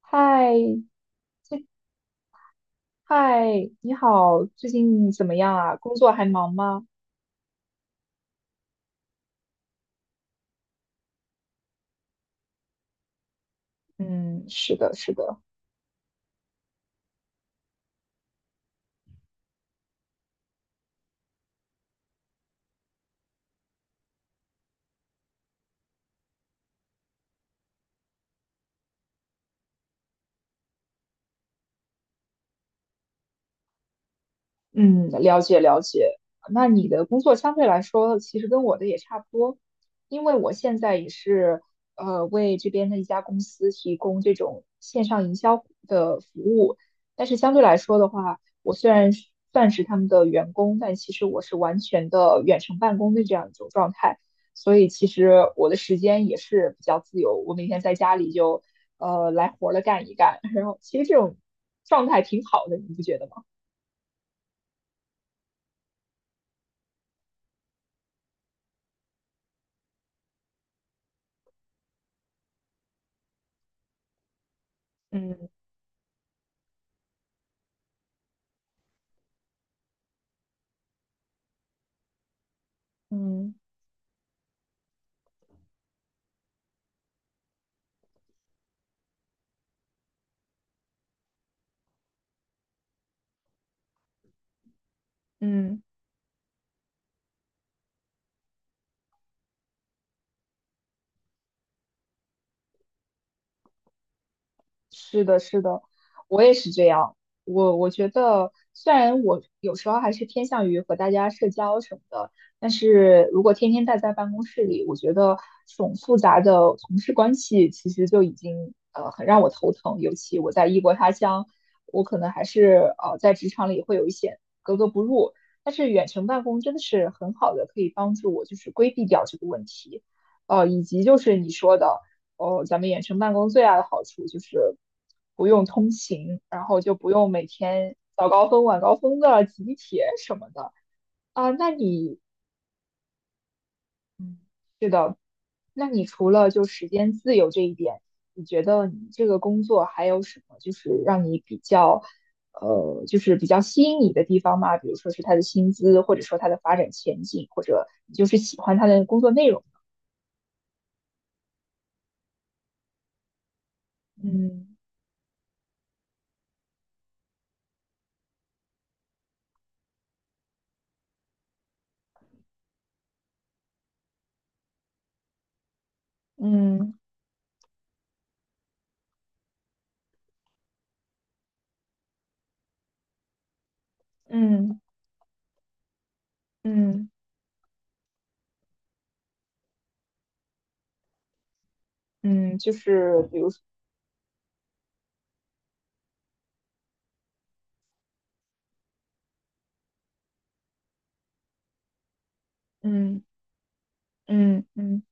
嗨，这嗨，你好，最近怎么样啊？工作还忙吗？嗯，是的，是的。嗯，了解了解。那你的工作相对来说，其实跟我的也差不多，因为我现在也是为这边的一家公司提供这种线上营销的服务，但是相对来说的话，我虽然是算是他们的员工，但其实我是完全的远程办公的这样一种状态，所以其实我的时间也是比较自由，我每天在家里就来活了干一干，然后其实这种状态挺好的，你不觉得吗？嗯。嗯嗯，是的，是的，我也是这样。我觉得，虽然我有时候还是偏向于和大家社交什么的，但是如果天天待在办公室里，我觉得这种复杂的同事关系其实就已经很让我头疼。尤其我在异国他乡，我可能还是在职场里会有一些格格不入。但是远程办公真的是很好的，可以帮助我就是规避掉这个问题。以及就是你说的。哦，咱们远程办公最大的好处就是不用通勤，然后就不用每天早高峰、晚高峰的集铁什么的啊。嗯，那你除了就时间自由这一点，你觉得你这个工作还有什么就是让你比较，就是比较吸引你的地方吗？比如说是他的薪资，或者说他的发展前景，或者你就是喜欢他的工作内容？嗯嗯嗯嗯嗯嗯就是比如说嗯。嗯嗯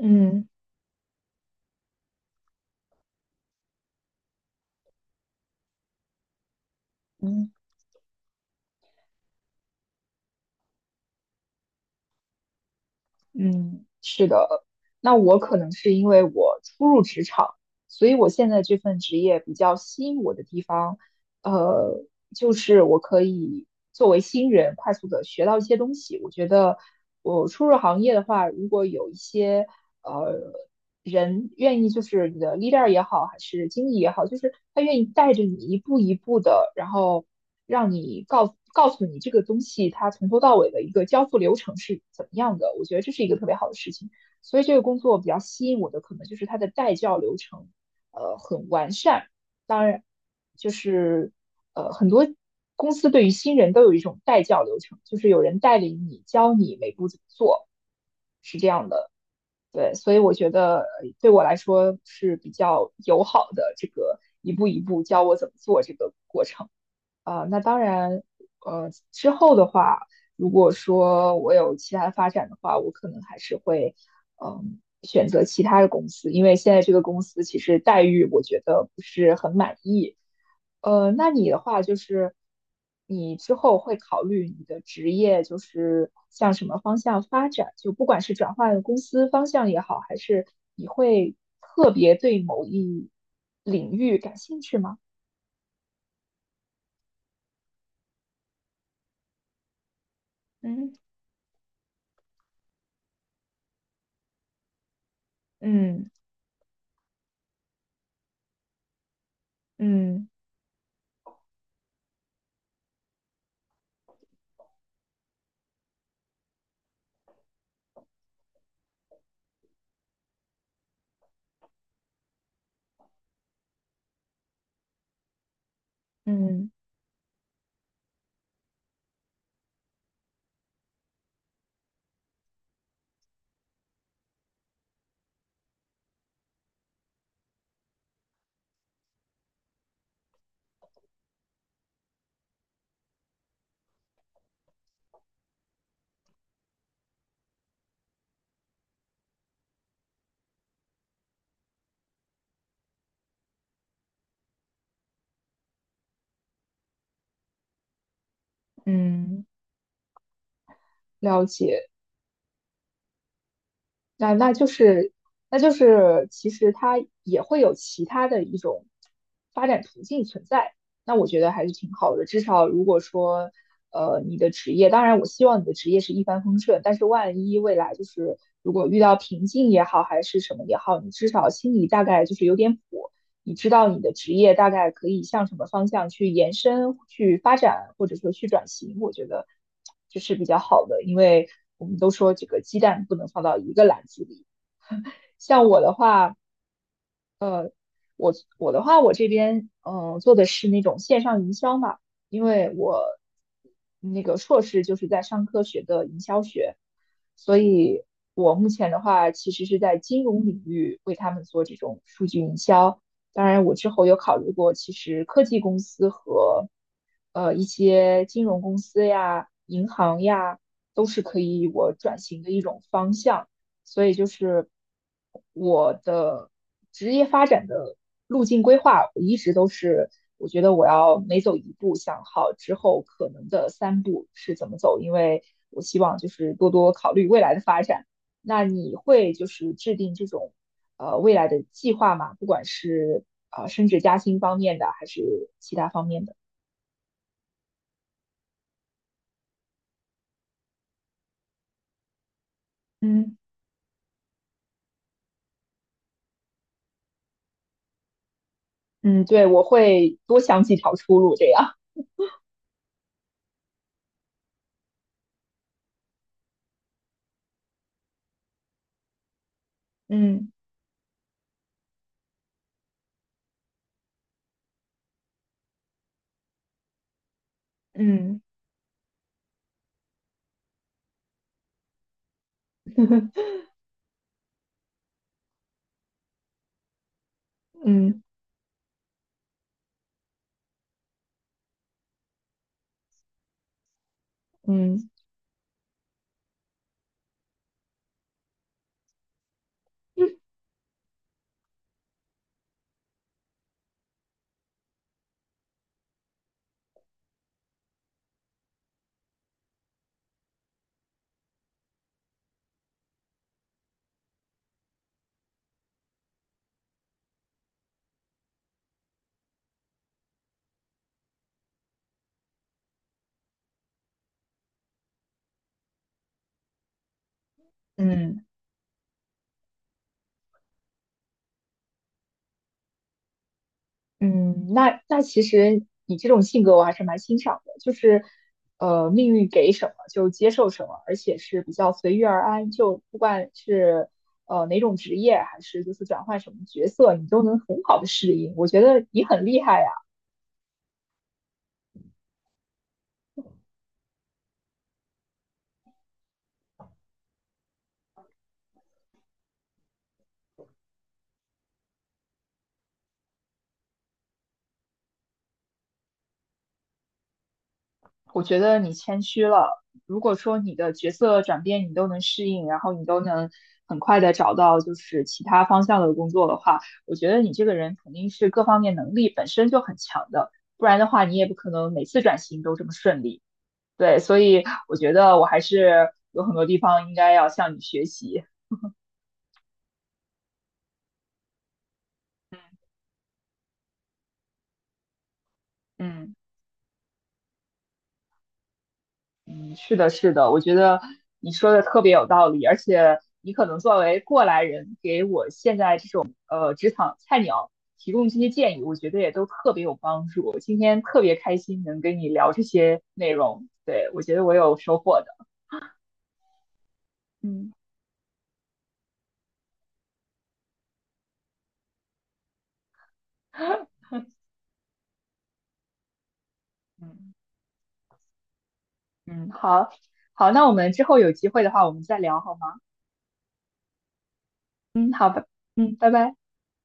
嗯嗯嗯，是的。那我可能是因为我初入职场，所以我现在这份职业比较吸引我的地方，呃，就是我可以作为新人快速的学到一些东西。我觉得我初入行业的话，如果有一些呃人愿意就是你的 leader 也好，还是经理也好，就是他愿意带着你一步一步的，然后让你告诉你这个东西它从头到尾的一个交付流程是怎么样的。我觉得这是一个特别好的事情，所以这个工作比较吸引我的可能就是它的带教流程，很完善。当然，就是很多。公司对于新人都有一种带教流程，就是有人带领你，教你每步怎么做。是这样的。对，所以我觉得对我来说是比较友好的这个一步一步教我怎么做这个过程。那当然，之后的话，如果说我有其他发展的话，我可能还是会，嗯，选择其他的公司，因为现在这个公司其实待遇我觉得不是很满意。那你的话就是，你之后会考虑你的职业就是向什么方向发展，就不管是转换公司方向也好，还是你会特别对某一领域感兴趣吗？嗯嗯嗯。嗯嗯，了解。那那就是，那就是，其实它也会有其他的一种发展途径存在。那我觉得还是挺好的。至少如果说，你的职业，当然我希望你的职业是一帆风顺，但是万一未来就是如果遇到瓶颈也好，还是什么也好，你至少心里大概就是有点谱。你知道你的职业大概可以向什么方向去延伸、去发展，或者说去转型，我觉得这是比较好的，因为我们都说这个鸡蛋不能放到一个篮子里。像我的话，我我的话，我这边做的是那种线上营销嘛，因为我那个硕士就是在商科学的营销学，所以我目前的话其实是在金融领域为他们做这种数据营销。当然，我之后有考虑过，其实科技公司和一些金融公司呀、银行呀，都是可以我转型的一种方向。所以就是我的职业发展的路径规划，我一直都是，我觉得我要每走一步想好之后可能的三步是怎么走，因为我希望就是多多考虑未来的发展。那你会就是制定这种未来的计划吗？不管是升职加薪方面的，还是其他方面的？嗯嗯，对，我会多想几条出路这样。嗯嗯 嗯嗯。嗯。嗯，那其实你这种性格我还是蛮欣赏的，就是命运给什么就接受什么，而且是比较随遇而安，就不管是哪种职业，还是就是转换什么角色，你都能很好的适应。我觉得你很厉害呀，我觉得你谦虚了。如果说你的角色转变你都能适应，然后你都能很快的找到就是其他方向的工作的话，我觉得你这个人肯定是各方面能力本身就很强的，不然的话你也不可能每次转型都这么顺利。对，所以我觉得我还是有很多地方应该要向你学习。嗯。嗯，是的，是的，我觉得你说的特别有道理，而且你可能作为过来人，给我现在这种职场菜鸟提供这些建议，我觉得也都特别有帮助。今天特别开心能跟你聊这些内容，对，我觉得我有收获的。嗯嗯嗯，好好，那我们之后有机会的话，我们再聊好吗？嗯，好吧，嗯，拜拜。